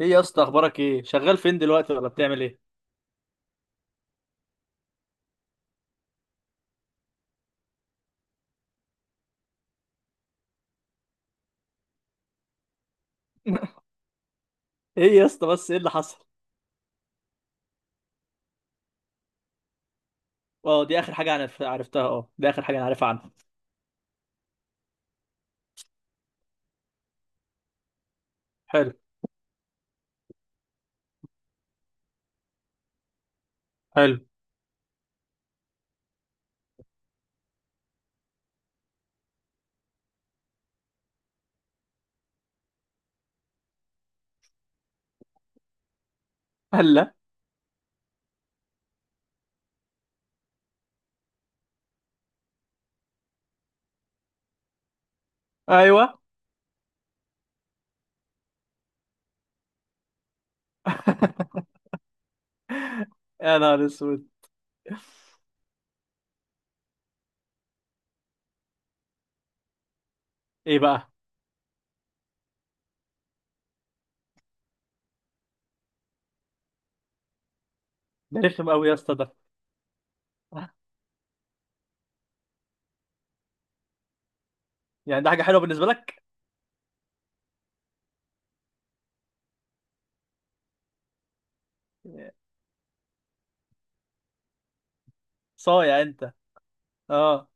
ايه يا اسطى، اخبارك؟ ايه شغال فين دلوقتي ولا بتعمل ايه؟ ايه يا اسطى، بس ايه اللي حصل؟ اه دي اخر حاجه انا عرفتها. اه دي اخر حاجه انا عارفها عنها. حلو. حلو. هلا. ايوه. يا نهار اسود. ايه بقى؟ ده رخم قوي يا اسطى ده. يعني ده حاجه حلوه بالنسبه لك؟ صايع انت. اه.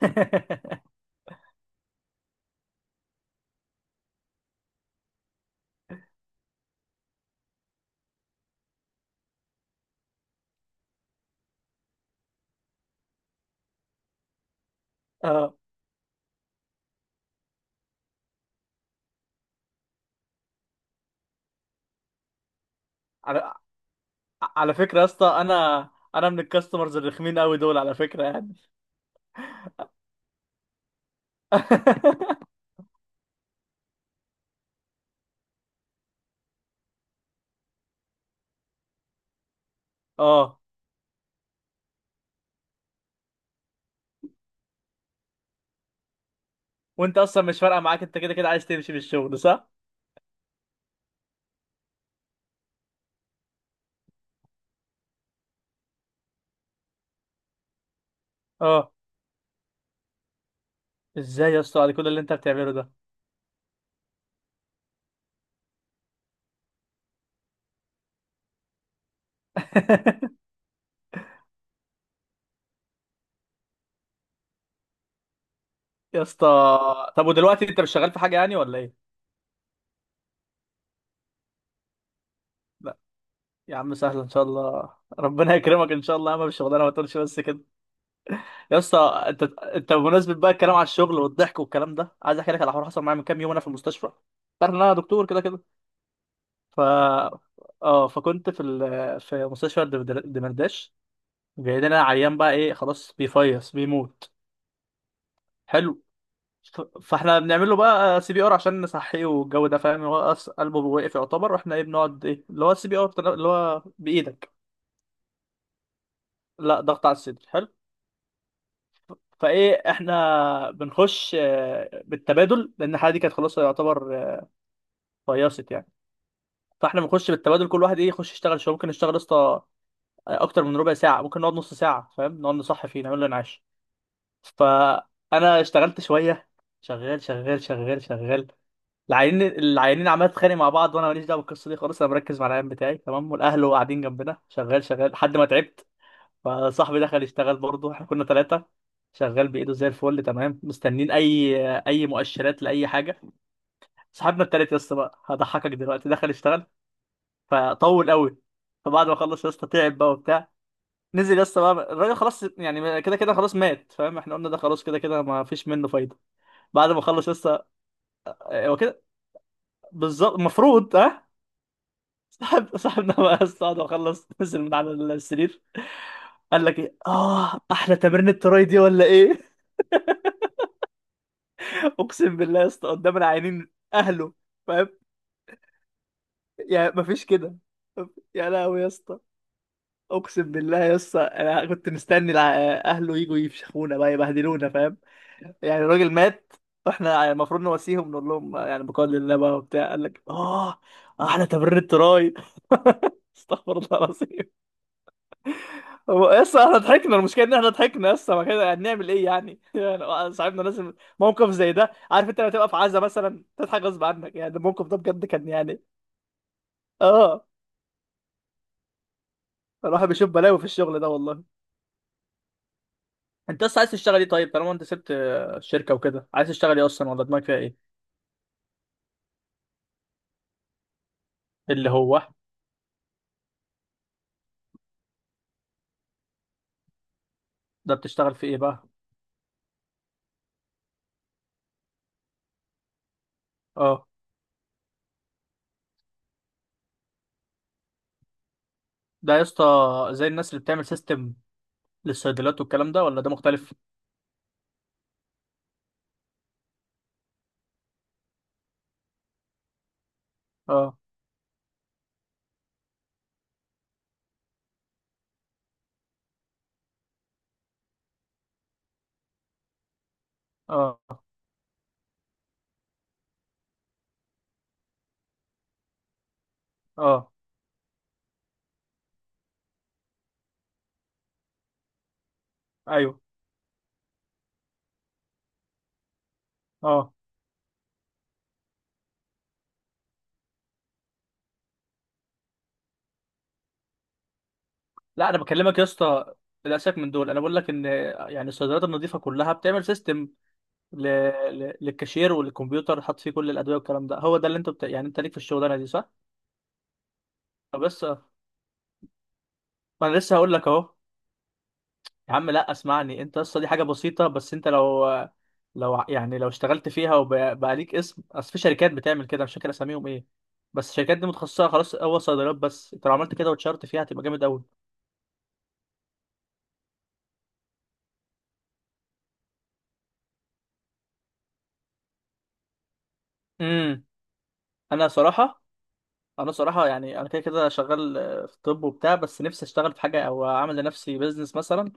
اه. على على فكره يا اسطى، انا من الكاستمرز الرخمين قوي دول على فكره يعني. اه. وانت اصلا مش فارقه معاك، انت كده كده عايز تمشي من الشغل صح؟ اه. ازاي يا اسطى على كل اللي انت بتعمله ده؟ يا اسطى، طب ودلوقتي انت مش شغال في حاجه يعني ولا ايه؟ لا. يا عم سهل ان شاء الله. ربنا يكرمك ان شاء الله يا عم بالشغلانه، ما تقولش بس كده. يا اسطى، انت انت بمناسبه بقى الكلام على الشغل والضحك والكلام ده، عايز احكي لك على حوار حصل معايا من كام يوم انا في المستشفى. تعرف ان انا دكتور كده كده. ف اه فكنت في في مستشفى الدمرداش. جاي لنا عيان بقى، ايه خلاص بيفيص بيموت. حلو. فاحنا بنعمل له بقى CPR عشان نصحيه والجو ده فاهم. هو قلبه وقف يعتبر، واحنا ايه بنقعد ايه اللي هو الـCPR اللي هو بايدك. لا، ضغط على الصدر. حلو. فايه احنا بنخش بالتبادل لان الحاله دي كانت خلاص يعتبر فيصت يعني. فاحنا بنخش بالتبادل كل واحد ايه يخش يشتغل شويه، ممكن نشتغل يا اسطى اكتر من ربع ساعه، ممكن نقعد نص ساعه فاهم، نقعد نصحي فيه نعمل له انعاش. فانا اشتغلت شويه. شغال شغال شغال شغال. العيانين العيانين عمال تتخانق مع بعض وانا ماليش دعوه بالقصه دي خالص. انا مركز مع العيان بتاعي تمام والاهل قاعدين جنبنا، شغال شغال لحد ما تعبت. فصاحبي دخل يشتغل برضه، احنا كنا ثلاثه. شغال بايده زي الفل تمام، مستنين اي مؤشرات لاي حاجه. صاحبنا التالت يا اسطى بقى هضحكك دلوقتي دخل يشتغل. فطول قوي. فبعد ما خلص يا اسطى تعب بقى وبتاع. نزل يا اسطى بقى الراجل، خلاص يعني كده كده خلاص مات فاهم، احنا قلنا ده خلاص كده كده ما فيش منه فايده. بعد ما خلص يا اسطى. هو كده. بالظبط المفروض، ها. صاحبنا بقى استقعد واخلص نزل من على السرير. قال لك ايه؟ اه احلى تمرين التراي دي ولا ايه. اقسم بالله يا اسطى قدام العينين اهله. فاهم؟ يعني مفيش كده. يا لهوي يا اسطى. اقسم بالله يا اسطى، انا كنت مستني اهله يجوا يفشخونا بقى يبهدلونا فاهم. يعني الراجل مات واحنا المفروض نواسيهم، نقول لهم يعني بقدر الله بقى وبتاع، قال لك اه احلى تمرين التراي. استغفر الله العظيم. هو يس احنا ضحكنا، المشكله ان احنا ضحكنا يس، ما كده هنعمل ايه يعني. يعني صاحبنا لازم. موقف زي ده، عارف انت لما تبقى في عزا مثلا تضحك غصب عنك؟ يعني الموقف ده بجد كان يعني. اه. الواحد بيشوف بلاوي في الشغل ده والله. انت اصلا عايز تشتغل ايه طيب طالما انت سبت الشركه وكده؟ عايز تشتغل ايه اصلا ولا دماغك فيها ايه؟ اللي هو. ده بتشتغل في ايه بقى؟ اه. ده يا اسطى زي الناس اللي بتعمل سيستم للصيدليات والكلام ده ولا ده مختلف؟ اه. اه. اه. ايوه. اه. لا انا بكلمك يا اسطى، للاسف من دول، انا بقول لك ان يعني الصيدليات النظيفه كلها بتعمل سيستم ل... للكاشير والكمبيوتر، حاط فيه كل الادويه والكلام ده، هو ده اللي انت يعني انت ليك في الشغلانه دي صح؟ فبس ما. انا لسه هقول لك اهو. يا عم لا اسمعني، انت اصلا دي حاجه بسيطه، بس انت يعني لو اشتغلت فيها وبقى ليك اسم، اصل في شركات بتعمل كده مش فاكر اساميهم ايه، بس الشركات دي متخصصه خلاص هو صيدليات بس، انت لو عملت كده واتشهرت فيها هتبقى جامد قوي. امم انا صراحه انا صراحه يعني انا كده كده شغال في الطب وبتاع، بس نفسي اشتغل في حاجه او اعمل لنفسي بيزنس مثلا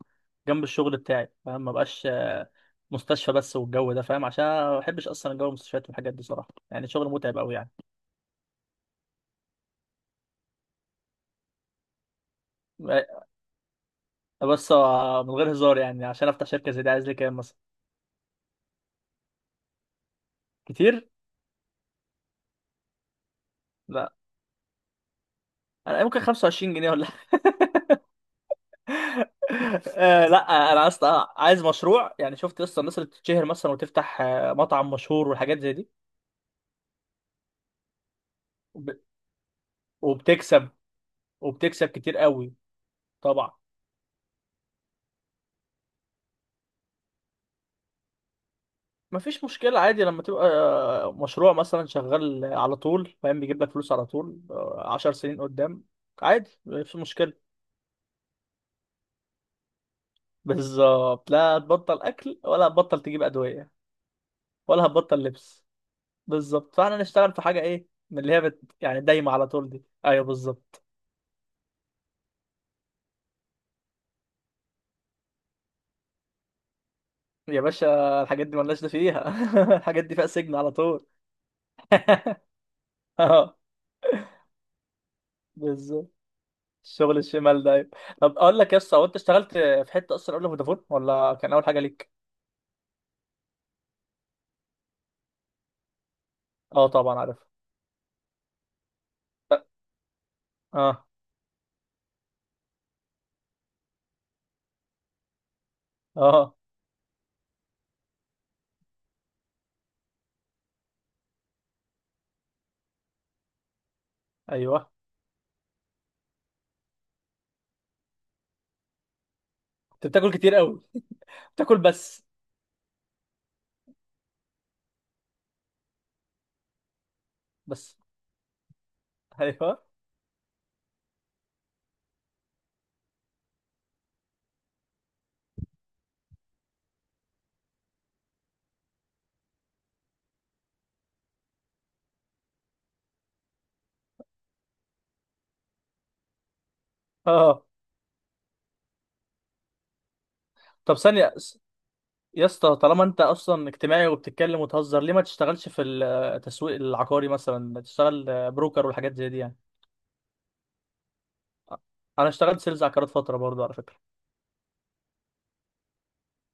جنب الشغل بتاعي فاهم، ما بقاش مستشفى بس والجو ده فاهم، عشان أنا ما بحبش اصلا جو المستشفيات والحاجات دي صراحه، يعني شغل متعب قوي يعني. بس من غير هزار يعني، عشان افتح شركه زي دي عايز لي كام مثلا؟ كتير. لا انا ممكن 25 جنيه ولا. لا انا اصلا عايز مشروع، يعني شفت اصلا الناس اللي بتتشهر مثلا وتفتح مطعم مشهور والحاجات زي دي. وب- وبتكسب. وبتكسب كتير قوي. طبعا. مفيش مشكلة عادي، لما تبقى مشروع مثلا شغال على طول فاهم بيجيب لك فلوس على طول 10 سنين قدام. عادي مفيش مشكلة. بالظبط، لا هتبطل أكل ولا هتبطل تجيب أدوية. ولا هتبطل لبس. بالظبط، فاحنا نشتغل في حاجة إيه من اللي هي يعني دايمة على طول دي، أيوه بالظبط. يا باشا الحاجات دي ملناش ده فيها. الحاجات دي فيها سجن على طول. اه بالظبط. الشغل الشمال ده، أيوة. طب اقول لك يا اسطى، هو انت اشتغلت في حته اصلا قبل فودافون ولا كان اول حاجه ليك؟ اه طبعا عارف. اه. اه. ايوه. انت بتاكل كتير قوي. بتاكل بس. بس. ايوه. اه. طب ثانيه يا اسطى طالما انت اصلا اجتماعي وبتتكلم وتهزر، ليه ما تشتغلش في التسويق العقاري مثلا؟ تشتغل بروكر والحاجات زي دي يعني. انا اشتغلت سيلز عقارات فتره برضو على فكره.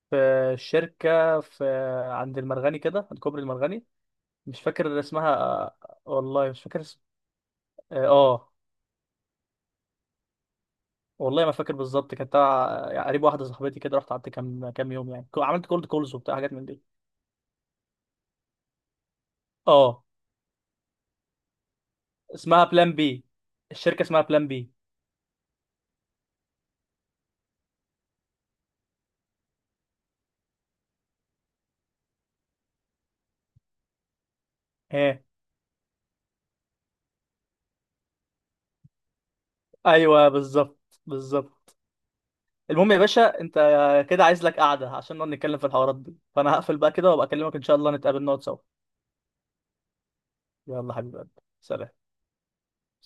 في شركه عند المرغني كده، عند كوبري المرغني. مش فاكر اسمها. والله مش فاكر اسم. اه. والله ما فاكر بالظبط، كانت تبع يعني قريب واحده صاحبتي كده، رحت قعدت كام كام يوم يعني، عملت كولد كولز وبتاع حاجات من دي. اه. اسمها بلان بي. الشركه اسمها بلان بي. ايه ايوه بالظبط. بالظبط. المهم يا باشا، انت كده عايز لك قعده عشان نقعد نتكلم في الحوارات دي، فانا هقفل بقى كده وابقى اكلمك ان شاء الله نتقابل نقعد سوا. يلا حبيبي. سلام.